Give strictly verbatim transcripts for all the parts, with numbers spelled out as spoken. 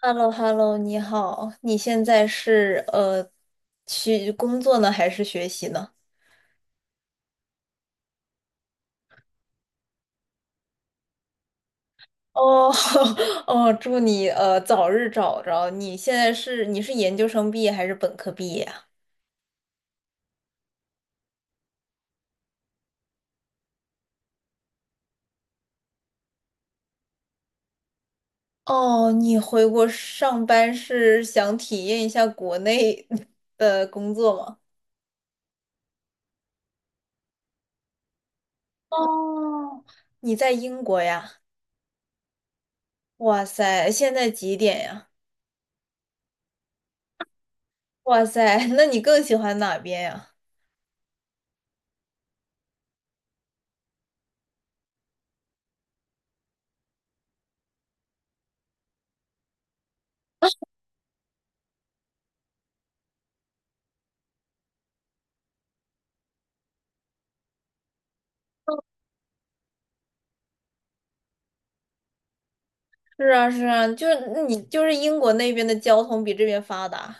h e l l o h e l l o 你好，你现在是呃去工作呢，还是学习呢？哦。 哦，祝你呃早日找着。你现在是你是研究生毕业还是本科毕业啊？哦，你回国上班是想体验一下国内 的工作吗？哦，你在英国呀？哇塞，现在几点呀？哇塞，那你更喜欢哪边呀？是啊，是啊，就是你就是英国那边的交通比这边发达。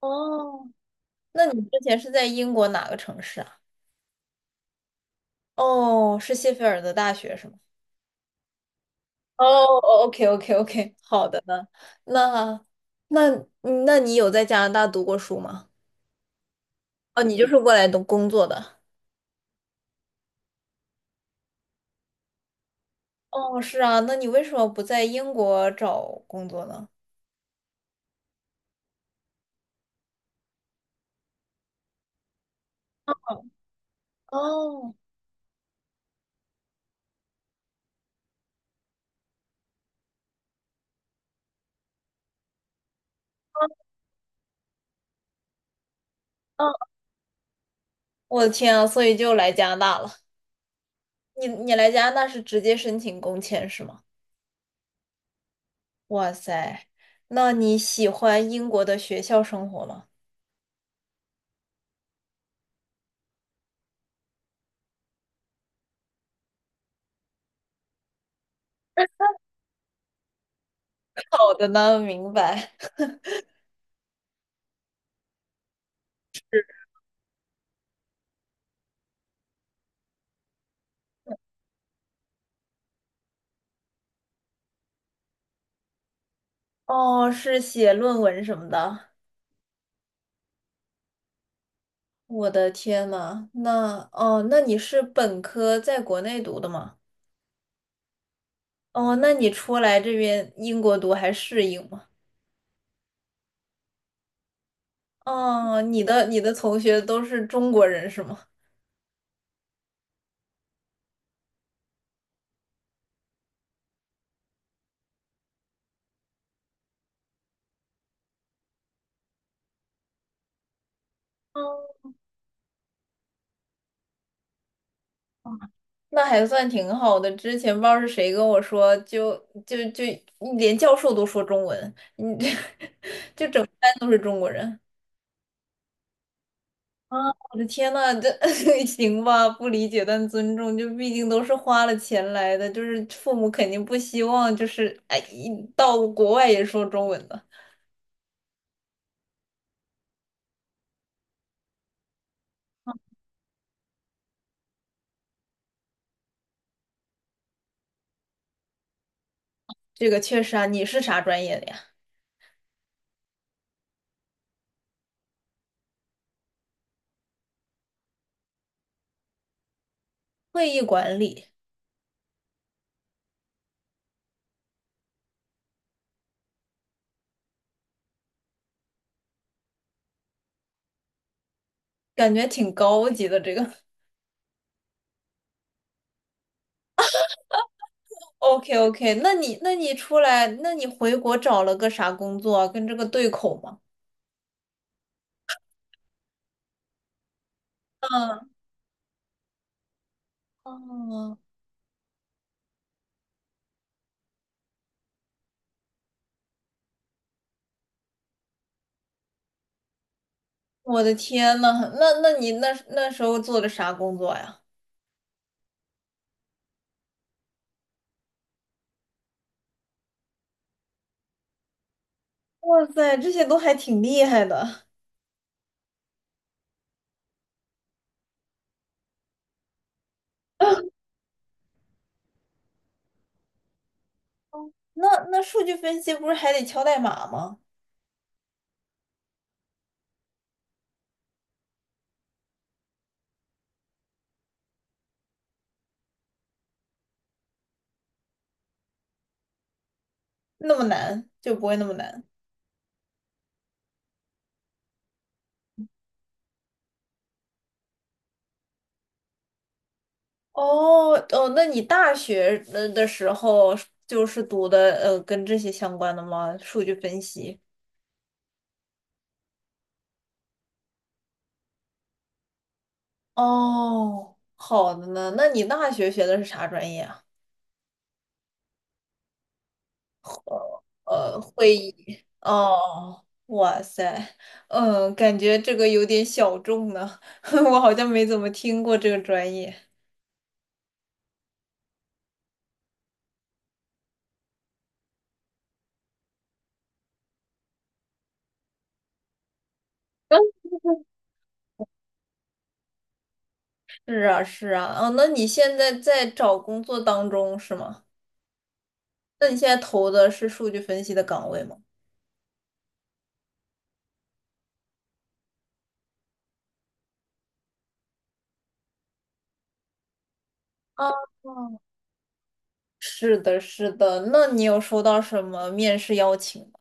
哦，那你之前是在英国哪个城市啊？哦，是谢菲尔德大学是吗？哦OK，OK，OK，好的呢。那那那你有在加拿大读过书吗？哦，你就是过来读工作的。哦，是啊，那你为什么不在英国找工作呢？哦，哦，我的天啊，所以就来加拿大了。你你来加拿大是直接申请工签是吗？哇塞，那你喜欢英国的学校生活吗？好的呢，明白。哦，是写论文什么的。我的天呐，那哦，那你是本科在国内读的吗？哦，那你出来这边英国读还适应吗？哦，你的你的同学都是中国人是吗？哦，那还算挺好的。之前不知道是谁跟我说，就就就连教授都说中文，你这 一般都是中国人。啊，我的天呐，这 行吧？不理解但尊重，就毕竟都是花了钱来的，就是父母肯定不希望，就是哎，一到国外也说中文的。这个确实啊，你是啥专业的呀？会议管理，感觉挺高级的这个。OK OK,那你那你出来，那你回国找了个啥工作啊跟这个对口吗？嗯，哦，我的天呐，那那你那那时候做的啥工作呀？哇塞，这些都还挺厉害的。那那数据分析不是还得敲代码吗？那么难就不会那么难。哦哦，那你大学的的时候就是读的呃跟这些相关的吗？数据分析。哦，好的呢。那你大学学的是啥专业啊？呃，会议。哦，哇塞，嗯，感觉这个有点小众呢，我好像没怎么听过这个专业。是啊，是啊，哦，那你现在在找工作当中是吗？那你现在投的是数据分析的岗位吗？啊，是的，是的。那你有收到什么面试邀请吗？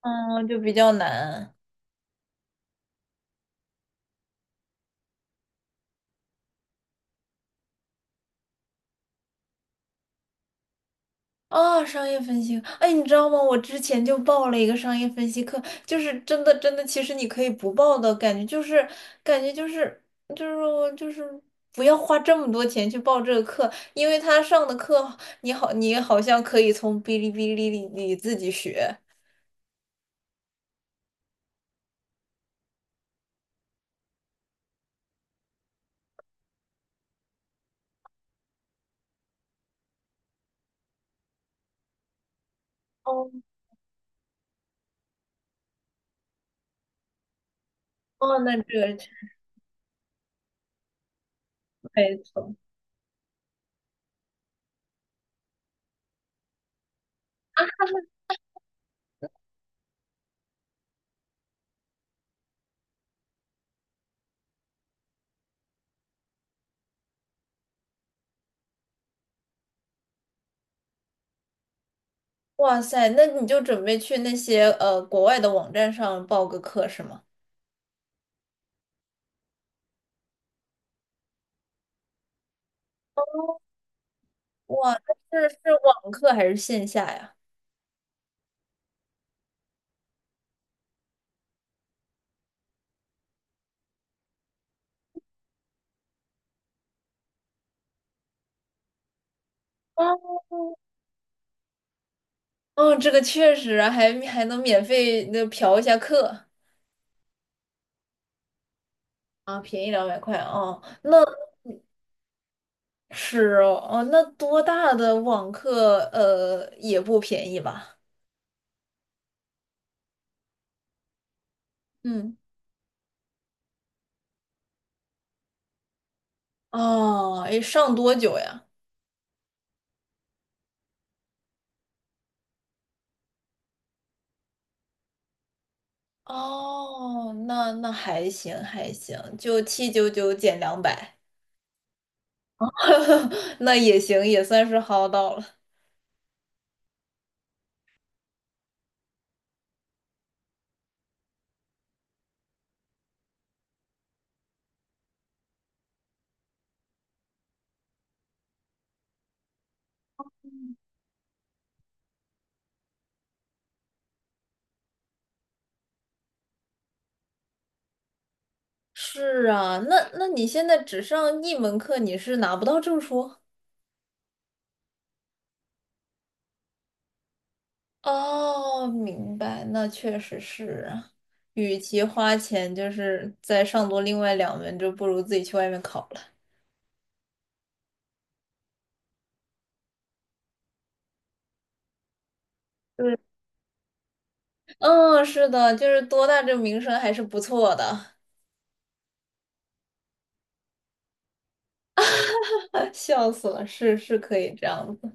嗯，就比较难。啊，商业分析课，哎，你知道吗？我之前就报了一个商业分析课，就是真的真的，其实你可以不报的感觉，就是感觉就是就是我就是不要花这么多钱去报这个课，因为他上的课你好你好像可以从哔哩哔哩里里自己学。哦哦，那这个没错。哇塞，那你就准备去那些呃国外的网站上报个课是吗？哇，是是网课还是线下呀？哦，这个确实啊还还能免费那嫖一下课啊，便宜两百块哦，那是哦，哦，那多大的网课呃也不便宜吧？嗯，哦，诶，上多久呀？哦，那那还行还行，就七九九减两百，那也行，也算是薅到了。是啊，那那你现在只上一门课，你是拿不到证书？哦，明白，那确实是啊。与其花钱就是再上多另外两门，就不如自己去外面考了。对，嗯，是的，就是多大这个名声还是不错的，笑死了，是是可以这样子，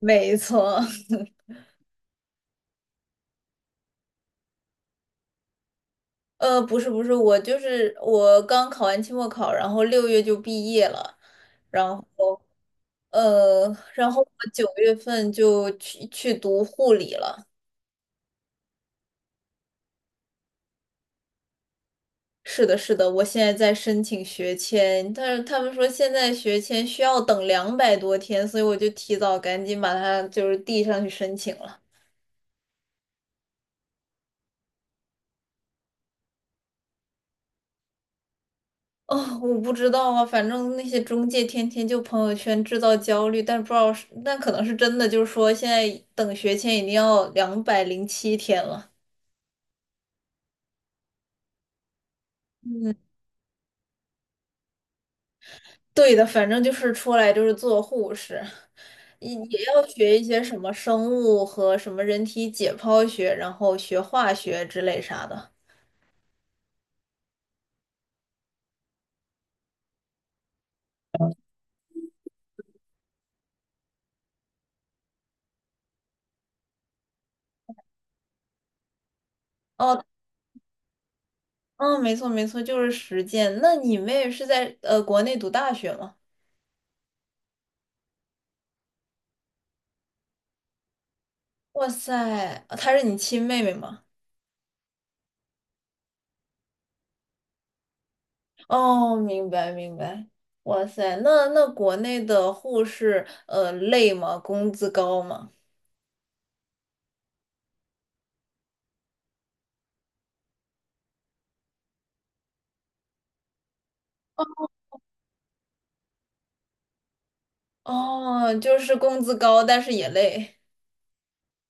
没错。呃，不是不是，我就是我刚考完期末考，然后六月就毕业了，然后呃，然后我九月份就去去读护理了。是的，是的，我现在在申请学签，但是他们说现在学签需要等两百多天，所以我就提早赶紧把它就是递上去申请了。哦，我不知道啊，反正那些中介天天就朋友圈制造焦虑，但不知道是，但可能是真的，就是说现在等学签已经要两百零七天了。嗯，对的，反正就是出来就是做护士，也也要学一些什么生物和什么人体解剖学，然后学化学之类啥的。哦，嗯，没错没错，就是实践。那你妹是在呃国内读大学吗？哇塞，她是你亲妹妹吗？哦，明白明白。哇塞，那那国内的护士呃累吗？工资高吗？哦，就是工资高，但是也累。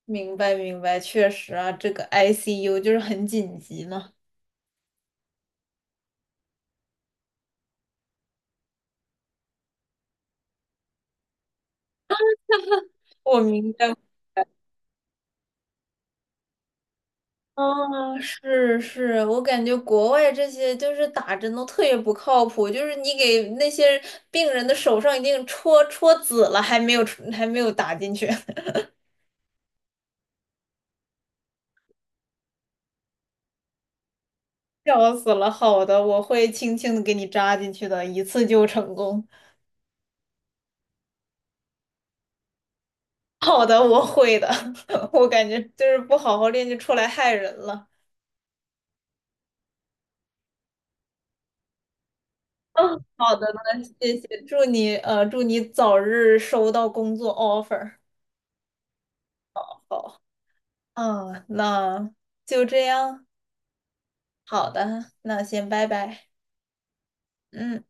明白明白，确实啊，这个 I C U 就是很紧急呢。我明白。啊，是是，我感觉国外这些就是打针都特别不靠谱，就是你给那些病人的手上已经戳戳紫了，还没有还没有打进去，笑死了。好的，我会轻轻的给你扎进去的，一次就成功。好的，我会的。我感觉就是不好好练就出来害人了。嗯，好的，那谢谢，祝你呃祝你早日收到工作 offer。好，嗯，那就这样。好的，那先拜拜。嗯。